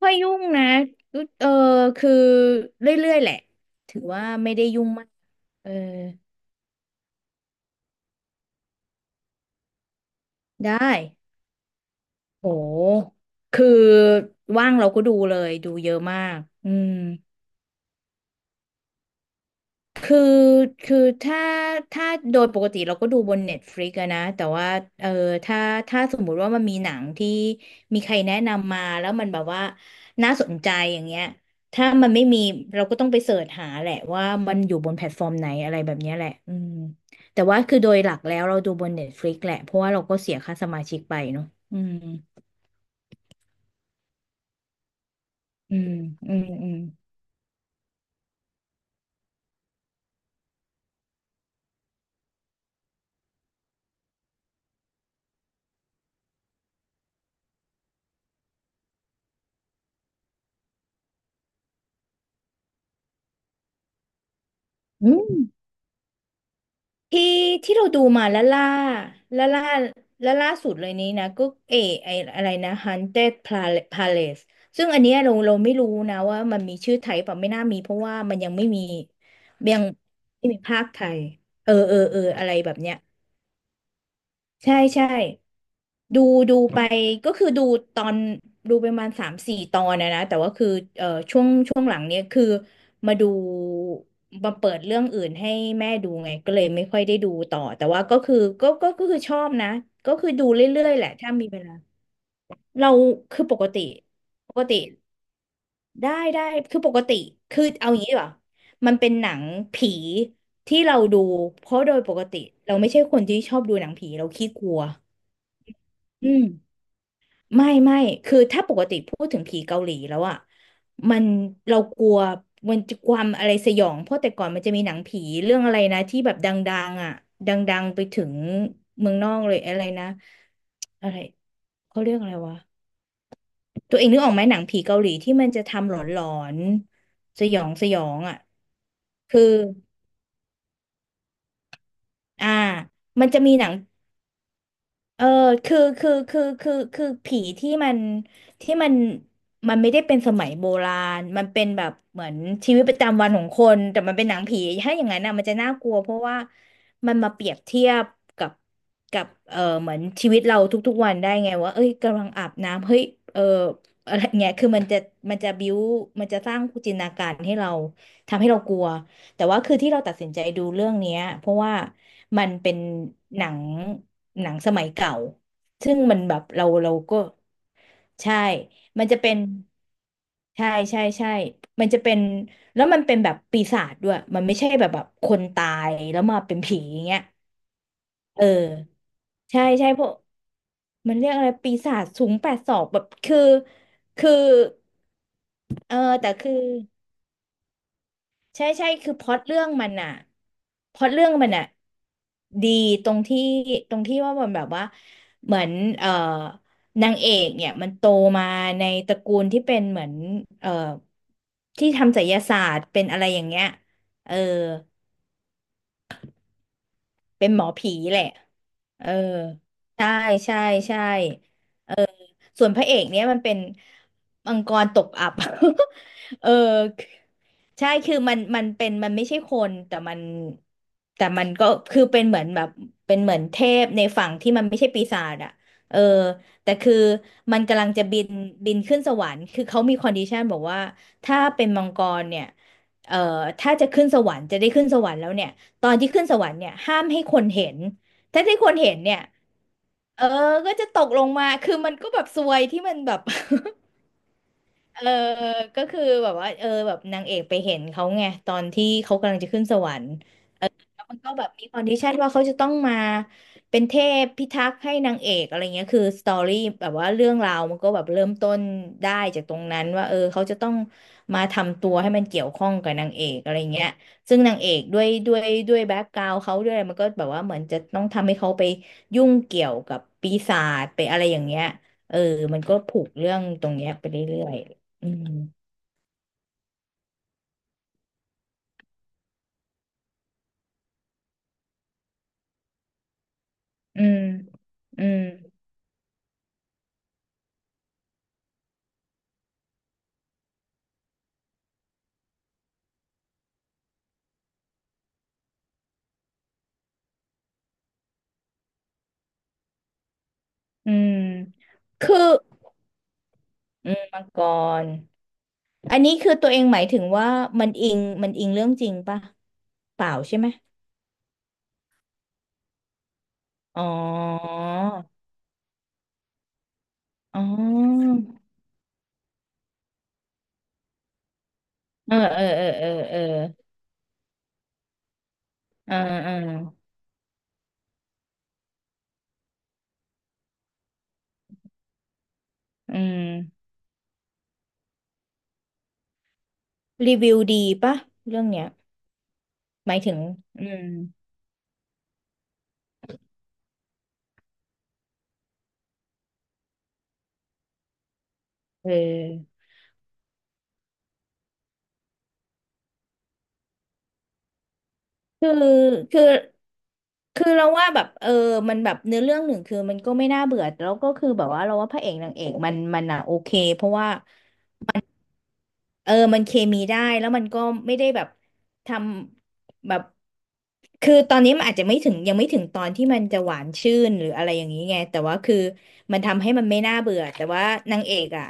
ค่อยยุ่งนะรู้เออคือเรื่อยๆแหละถือว่าไม่ได้ยุ่งมากเออได้โหคือว่างเราก็ดูเลยดูเยอะมากอืม คือคือถ้าโดยปกติเราก็ดูบน Netflix อะนะแต่ว่าเออถ้าถ้าสมมุติว่ามันมีหนังที่มีใครแนะนำมาแล้วมันแบบว่าน่าสนใจอย่างเงี้ยถ้ามันไม่มีเราก็ต้องไปเสิร์ชหาแหละว่ามันอยู่บนแพลตฟอร์มไหนอะไรแบบเนี้ยแหละอืมแต่ว่าคือโดยหลักแล้วเราดูบน Netflix แหละเพราะว่าเราก็เสียค่าสมาชิกไปเนาะอืมอืมอืมอืม ที่ที่เราดูมาแล่าล่าแล่าล่าสุดเลยนี้นะก็เอไออะไรนะ Haunted Palace ซึ่งอันเนี้ยเราไม่รู้นะว่ามันมีชื่อไทยเปล่ะไม่น่ามีเพราะว่ามันยังไม่มียังไม่มีภาคไทยเอออะไรแบบเนี้ย ใช่ดูดูไปก็คือดูตอนดูไปประมาณสามสี่ตอนนะแต่ว่าคือช่วงหลังเนี้ยคือมาดูมาเปิดเรื่องอื่นให้แม่ดูไงก็เลยไม่ค่อยได้ดูต่อแต่ว่าก็คือชอบนะก็คือดูเรื่อยๆแหละถ้ามีเวลาเราคือปกติได้ได้คือปกติคือเอาอย่างนี้ดีกว่ามันเป็นหนังผีที่เราดูเพราะโดยปกติเราไม่ใช่คนที่ชอบดูหนังผีเราขี้กลัวอืม ไม่ไม่คือถ้าปกติพูดถึงผีเกาหลีแล้วอ่ะมันเรากลัวมันจะความอะไรสยองเพราะแต่ก่อนมันจะมีหนังผีเรื่องอะไรนะที่แบบดังๆอ่ะดังๆไปถึงเมืองนอกเลยอะไรนะอะไรเขาเรียกอะไรวะตัวเองนึกออกไหมหนังผีเกาหลีที่มันจะทำหลอนๆสยองสยองอ่ะคืออ่ามันจะมีหนัง เออคือผีที่มันที่มันมันไม่ได้เป็นสมัยโบราณมันเป็นแบบเหมือนชีวิตประจำวันของคนแต่มันเป็นหนังผีถ้าอย่างนั้นนะมันจะน่ากลัวเพราะว่ามันมาเปรียบเทียบกับกับเออเหมือนชีวิตเราทุกๆวันได้ไงว่าเอ้ยกำลังอาบน้ำเฮ้ยเอออะไรเงี้ยคือมันจะบิ้วมันจะสร้างจินตนาการให้เราทำให้เรากลัว แต่ว่าคือที่เราตัดสินใจดูเรื่องเนี้ยเพราะว่ามันเป็นหนังหนังสมัยเก่าซึ่งมันแบบเราก็ใช่ มันจะเป็นใช่ใช่ใช่มันจะเป็นแล้วมันเป็นแบบปีศาจด้วยมันไม่ใช่แบบคนตายแล้วมาเป็นผีอย่างเงี้ยเออใช่ใช่พวกมันเรียกอะไรปีศาจสูงแปดศอกแบบคือเออแต่คือ ใช่ใช่คือพล็อตเรื่องมันอะดีตรงที่ตรงที่ว่ามันแบบว่าเหมือนเอ่อนางเอกเนี่ยมันโตมาในตระกูลที่เป็นเหมือนเอ่อที่ทำไสยศาสตร์เป็นอะไรอย่างเงี้ยเออเป็นหมอผีแหละเออใช่ใช่ใช่ ส่วนพระเอกเนี่ยมันเป็นมังกรตกอับ เออใช่คือมันเป็นมันไม่ใช่คนแต่มันก็คือเป็นเหมือนแบบเป็นเหมือนเทพในฝั่งที่มันไม่ใช่ปีศาจอะเออแต่คือมันกำลังจะบินขึ้นสวรรค์คือเขามีคอนดิชันบอกว่าถ้าเป็นมังกรเนี่ยเอ่อถ้าจะขึ้นสวรรค์จะได้ขึ้นสวรรค์แล้วเนี่ยตอนที่ขึ้นสวรรค์เนี่ยห้ามให้คนเห็นถ้าได้คนเห็นเนี่ย เออก็จะตกลงมา คือมันก็แบบซวยที่มันแบบ เออก็คือแบบว่าเออแบบนางเอกไปเห็นเขาไงตอนที่เขากำลังจะขึ้นสวรรค์ มันก็แบบมีคอนดิชันว่าเขาจะต้องมาเป็นเทพพิทักษ์ให้นางเอกอะไรเงี้ยคือสตอรี่แบบว่าเรื่องราวมันก็แบบเริ่มต้นได้จากตรงนั้นว่าเออเขาจะต้องมาทำตัวให้มันเกี่ยวข้องกับนางเอกอะไรเงี้ยซึ่งนางเอกด้วยแบ็กกราวด์เขาด้วยอะไรมันก็แบบว่าเหมือนจะต้องทำให้เขาไปยุ่งเกี่ยวกับปีศาจไปอะไรอย่างเงี้ยเออมันก็ผูกเรื่องตรงเนี้ยไปเรื่อยๆอืมอืมอืมคืออืมมังกร อันนี้คือตัวเองหมายถึงว่ามันอิงเรื่องจริงป่ะเปล่าใช่ไหมอ๋ออ๋อเอออ่าอ่าอืมรีวิวดีป่ะเรื่องเนี้ยหมายถึงอืมเออคือคือคือเราว่าแบบเออมันแบบเนื้อเรื่องหนึ่งคือมันก็ไม่น่าเบื่อแล้วก็คือแบบว่าเราว่าพระเอกนางเอกมันอ่ะโอเคเพราะว่า เออมันเคมีได้แล้วมันก็ไม่ได้แบบทำแบบคือตอนนี้มันอาจจะไม่ถึงยังไม่ถึงตอนที่มันจะหวานชื่นหรืออะไรอย่างนี้ไงแต่ว่าคือมันทำให้มันไม่น่าเบื่อแต่ว่านางเอกอ่ะ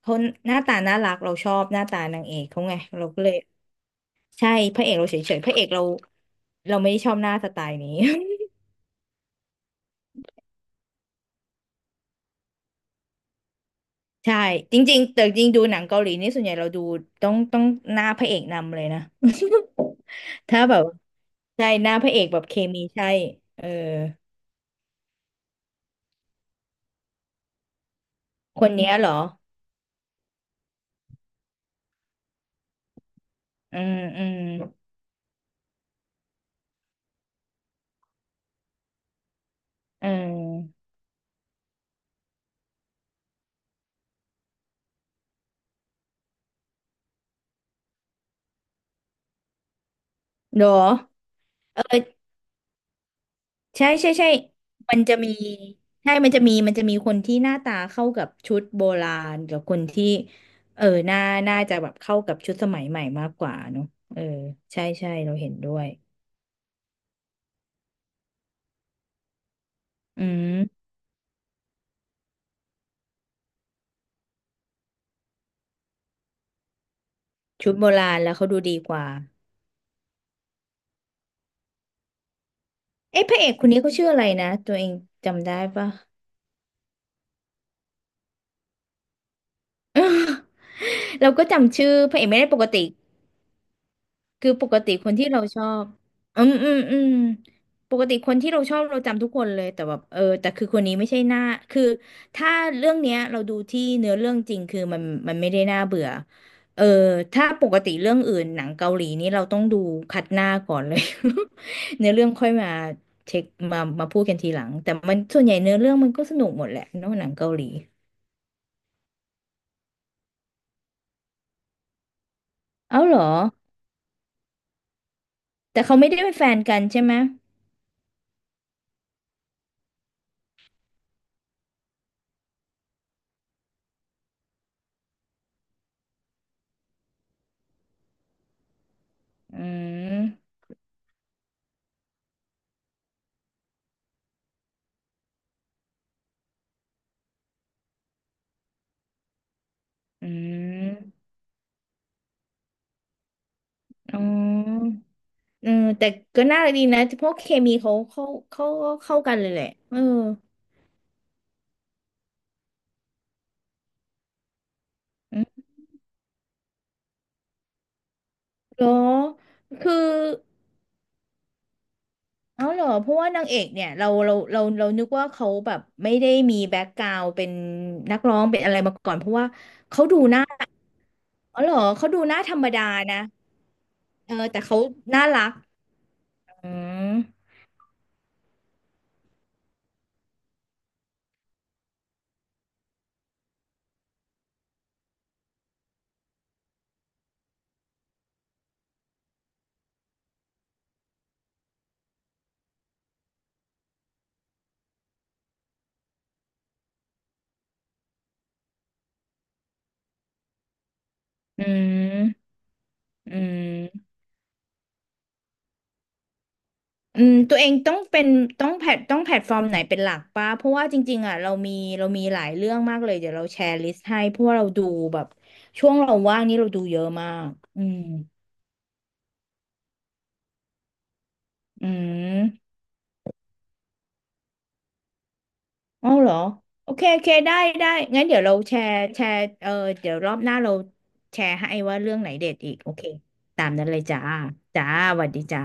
เขาหน้าตาน่ารักเราชอบหน้าตานางเอกเขาไงเราก็เลยใช่พระเอกเราเฉยๆพระเอกเราเราไม่ได้ชอบหน้าสไตล์นี้ ใช่จริงๆแต่จริงดูหนังเกาหลีนี่ส่วนใหญ่เราดูต้องหน้าพระเอกนำเลยนะ ถ้าแบบใช่หน้าพระเอกแบบเคมีใช่เออคนเนี้ยเหรออืมเออเหรอเออใช่มันจะมีใช่มันจะมีคนที่หน้าตาเข้ากับชุดโบราณกับคนที่เออหน้าน่าจะแบบเข้ากับชุดสมัยใหม่มากกว่าเนอะเออใช่ใช่เราเห็นด้วยอืมชุดโบราณแล้วเขาดูดีกว่า เอ้พระเอกคนนี้เขาชื่ออะไรนะตัวเองจำได้ปะ เราก็จำชื่อพระเอกไม่ได้ปกติคือปกติคนที่เราชอบอืมปกติคนที่เราชอบเราจำทุกคนเลยแต่แบบเออแต่คือคนนี้ไม่ใช่หน้าคือถ้าเรื่องเนี้ยเราดูที่เนื้อเรื่องจริงคือมันไม่ได้น่าเบื่อเออถ้าปกติเรื่องอื่นหนังเกาหลีนี่เราต้องดูคัดหน้าก่อนเลย เนื้อเรื่องค่อยมาเช็คมาพูดกันทีหลังแต่มันส่วนใหญ่เนื้อเรื่องมันก็สนุกหมดแหละเนอะหนังเกาหลี เอาเหรอแต่เขาไม่ได้เป็นแฟนกันใช่ไหมอืมอืมอ๋อเออแต่ก็น่ารักดีนะเพราะเคมีเขาเข้าเข้ากันเลยแหละเอออืมเหรอคือเอาเหรอเพราะว่านางเอกเนี่ยเรานึกว่าเขาแบบไม่ได้มีแบ็คกราวด์เป็นนักร้องเป็นอะไรมาก่อนเพราะว่าเขาดูหน้าอ๋อเหรอเขาดูหน้าธรรมดานะเออแต่เขาน่ารักอืมอืมอืม อืมตัวเองต้องเป็นต้องแพลตฟอร์มไหนเป็นหลักปะเพราะว่าจริงๆอ่ะเรามีเรามีหลายเรื่องมากเลยเดี๋ยวเราแชร์ลิสต์ให้เพราะว่าเราดูแบบช่วงเราว่างนี่เราดูเยอะมากอืมอืมอ๋อเหรอโอเคได้ได้งั้นเดี๋ยวเราแชร์เออเดี๋ยวรอบหน้าเราแชร์ให้ว่าเรื่องไหนเด็ดอีกโอเคตามนั้นเลยจ้าจ้าสวัสดีจ้า